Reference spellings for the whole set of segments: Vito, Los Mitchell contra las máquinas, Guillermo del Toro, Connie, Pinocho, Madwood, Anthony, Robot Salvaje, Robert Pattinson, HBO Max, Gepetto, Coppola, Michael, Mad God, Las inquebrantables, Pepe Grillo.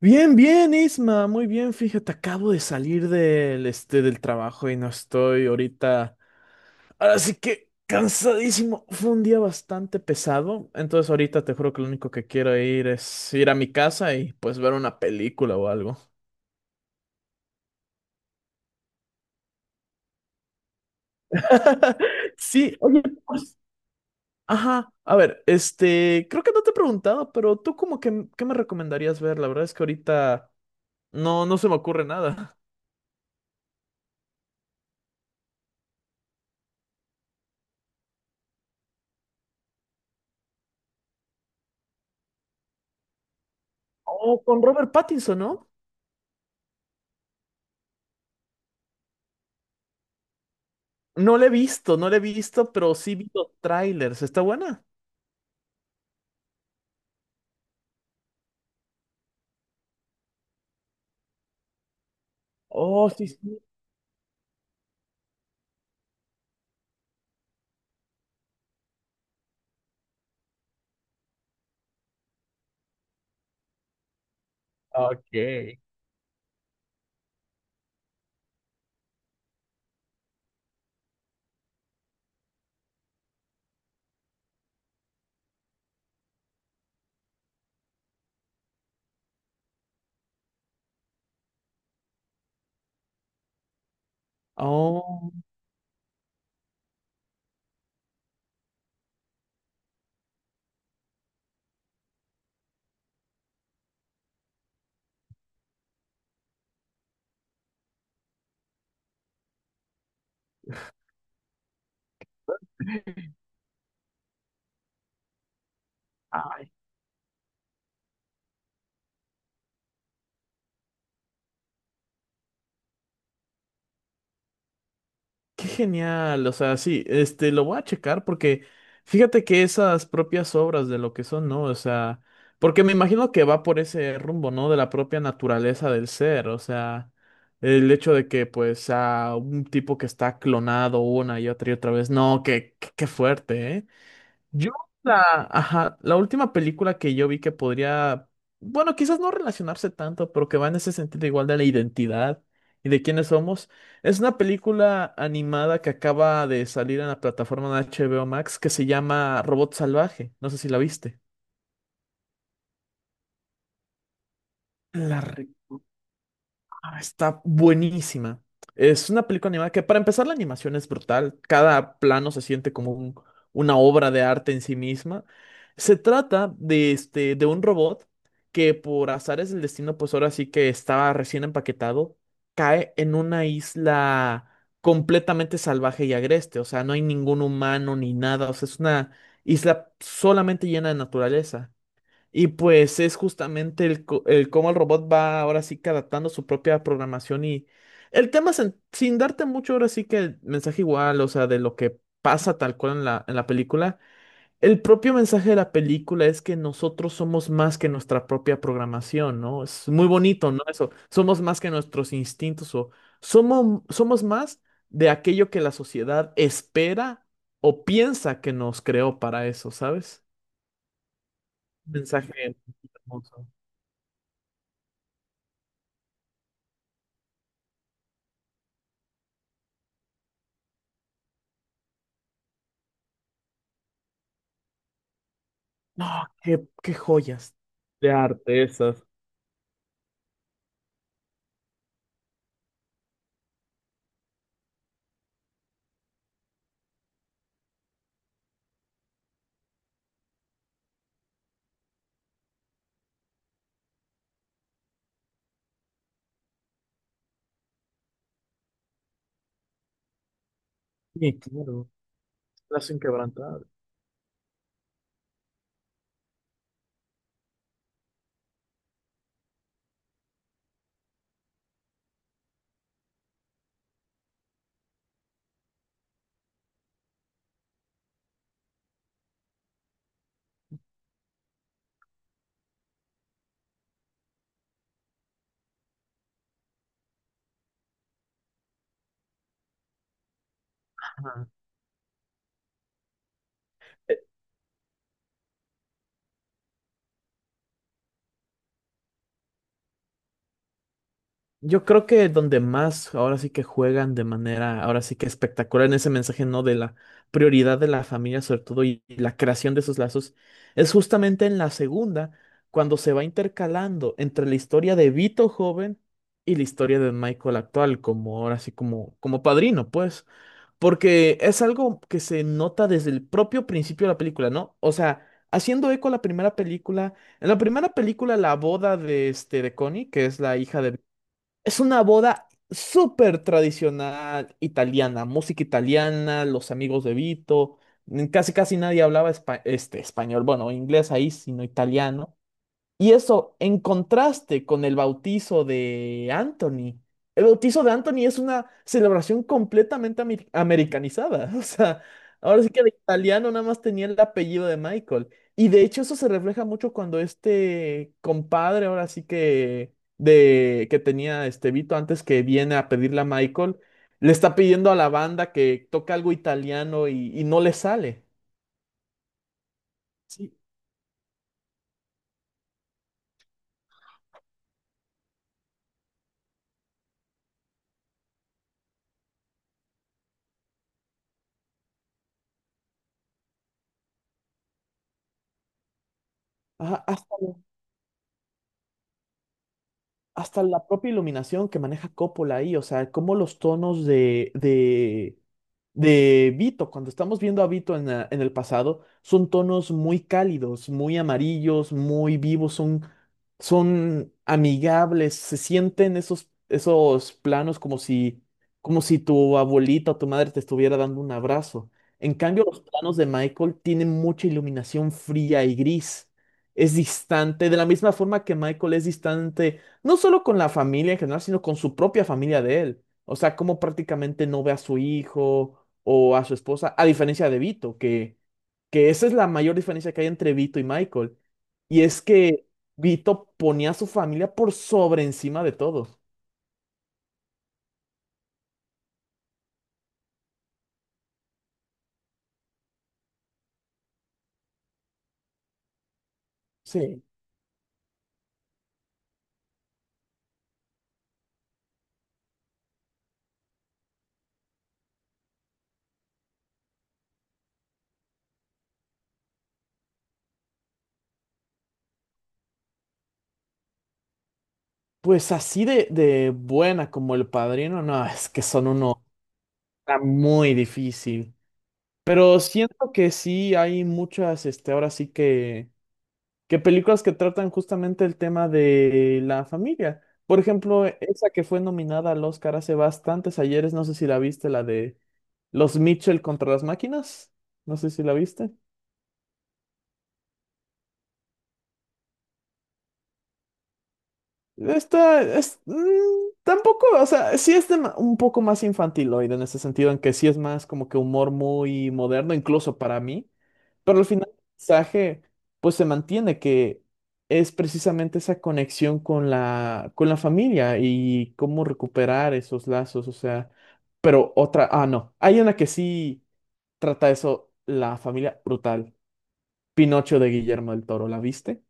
Bien, bien, Isma, muy bien. Fíjate, acabo de salir del trabajo y no estoy ahorita. Ahora sí que cansadísimo. Fue un día bastante pesado. Entonces ahorita te juro que lo único que quiero ir es ir a mi casa y pues ver una película o algo. Sí, oye, pues, ajá. A ver, creo que no te he preguntado, pero tú como que, ¿qué me recomendarías ver? La verdad es que ahorita no se me ocurre nada. Oh, con Robert Pattinson, ¿no? No la he visto, no la he visto, pero sí vi los trailers. ¿Está buena? Oh, sí, sí. Ok. Oh, ay, qué genial. O sea, sí, lo voy a checar porque fíjate que esas propias obras de lo que son, ¿no? O sea, porque me imagino que va por ese rumbo, ¿no? De la propia naturaleza del ser. O sea, el hecho de que, pues, a un tipo que está clonado una y otra vez. No, qué fuerte, ¿eh? Yo, ajá, la última película que yo vi que podría, bueno, quizás no relacionarse tanto, pero que va en ese sentido igual de la identidad y de quiénes somos, es una película animada que acaba de salir en la plataforma de HBO Max que se llama Robot Salvaje. No sé si la viste. La, Está buenísima. Es una película animada que para empezar la animación es brutal. Cada plano se siente como una obra de arte en sí misma. Se trata de, de un robot que por azares del destino, pues ahora sí que estaba recién empaquetado, cae en una isla completamente salvaje y agreste. O sea, no hay ningún humano ni nada. O sea, es una isla solamente llena de naturaleza. Y pues es justamente el cómo el robot va ahora sí que adaptando su propia programación y el tema sin darte mucho ahora sí que el mensaje igual, o sea, de lo que pasa tal cual en en la película, el propio mensaje de la película es que nosotros somos más que nuestra propia programación, ¿no? Es muy bonito, ¿no? Eso, somos más que nuestros instintos o somos más de aquello que la sociedad espera o piensa que nos creó para eso, ¿sabes? Mensaje hermoso. No, qué joyas de arte esas. Sí, claro. Las inquebrantables. Ajá. Yo creo que donde más ahora sí que juegan de manera, ahora sí que espectacular en ese mensaje, ¿no? De la prioridad de la familia, sobre todo, y la creación de esos lazos, es justamente en la segunda, cuando se va intercalando entre la historia de Vito joven y la historia de Michael actual, como ahora sí como, como padrino, pues. Porque es algo que se nota desde el propio principio de la película, ¿no? O sea, haciendo eco a la primera película, en la primera película la boda de, de Connie, que es la hija de es una boda súper tradicional italiana, música italiana, los amigos de Vito, mm, casi casi nadie hablaba español, bueno, inglés ahí, sino italiano. Y eso en contraste con el bautizo de Anthony. El bautizo de Anthony es una celebración completamente americanizada. O sea, ahora sí que de italiano nada más tenía el apellido de Michael. Y de hecho eso se refleja mucho cuando este compadre, ahora sí que de que tenía este Vito antes que viene a pedirle a Michael, le está pidiendo a la banda que toque algo italiano y, no le sale. Sí. Ajá. Hasta la propia iluminación que maneja Coppola ahí, o sea, como los tonos de Vito, cuando estamos viendo a Vito en, en el pasado, son tonos muy cálidos, muy amarillos, muy vivos, son amigables, se sienten esos planos como si tu abuelita o tu madre te estuviera dando un abrazo. En cambio, los planos de Michael tienen mucha iluminación fría y gris. Es distante, de la misma forma que Michael es distante no solo con la familia en general, sino con su propia familia de él. O sea, como prácticamente no ve a su hijo o a su esposa, a diferencia de Vito, que esa es la mayor diferencia que hay entre Vito y Michael. Y es que Vito ponía a su familia por sobre encima de todo. Sí. Pues así de buena como el padrino, no, es que son uno está muy difícil. Pero siento que sí hay muchas, ahora sí que películas que tratan justamente el tema de la familia. Por ejemplo, e, esa que fue nominada al Oscar hace bastantes ayeres, no sé si la viste, la de Los Mitchell contra las máquinas, no sé si la viste. Esta es mm, tampoco, o sea, sí es un poco más infantiloide en ese sentido, en que sí es más como que humor muy moderno, incluso para mí, pero al final el mensaje pues se mantiene que es precisamente esa conexión con con la familia y cómo recuperar esos lazos, o sea, pero otra, ah, no, hay una que sí trata eso, la familia brutal, Pinocho de Guillermo del Toro, ¿la viste?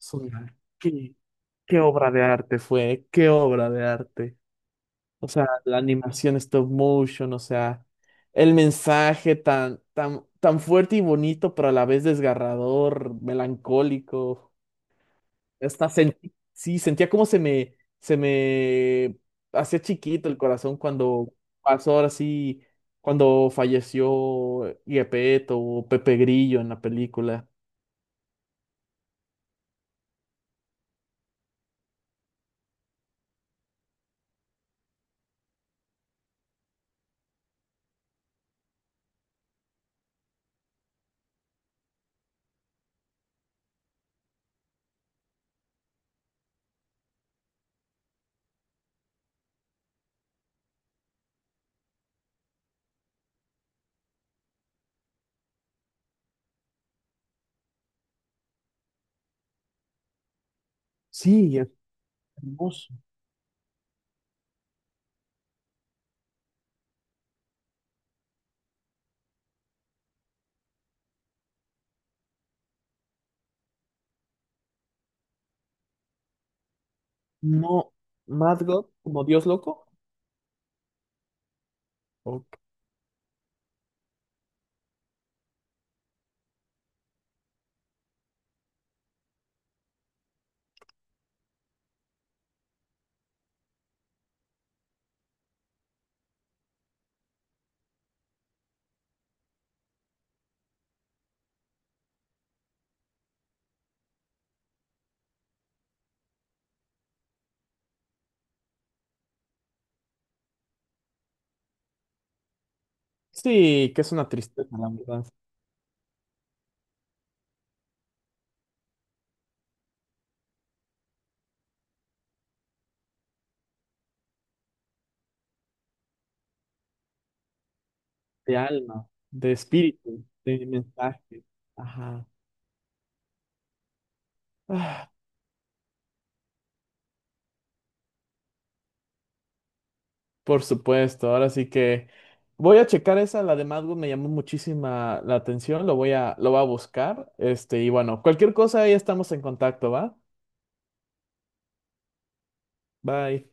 Es una ¿Qué obra de arte fue? ¿Qué obra de arte? O sea, la animación stop motion, o sea, el mensaje tan, tan fuerte y bonito, pero a la vez desgarrador, melancólico. Hasta sentí, sí, sentía como se me hacía chiquito el corazón cuando pasó ahora sí, cuando falleció Gepetto o Pepe Grillo en la película. Sí, es hermoso. No, Mad God, como Dios loco. Ok. Sí, que es una tristeza, la verdad, de alma, de espíritu, de mensaje. Ajá. Ah, por supuesto, ahora sí que voy a checar esa, la de Madwood me llamó muchísima la atención, lo voy a buscar. Y bueno, cualquier cosa ahí estamos en contacto, ¿va? Bye.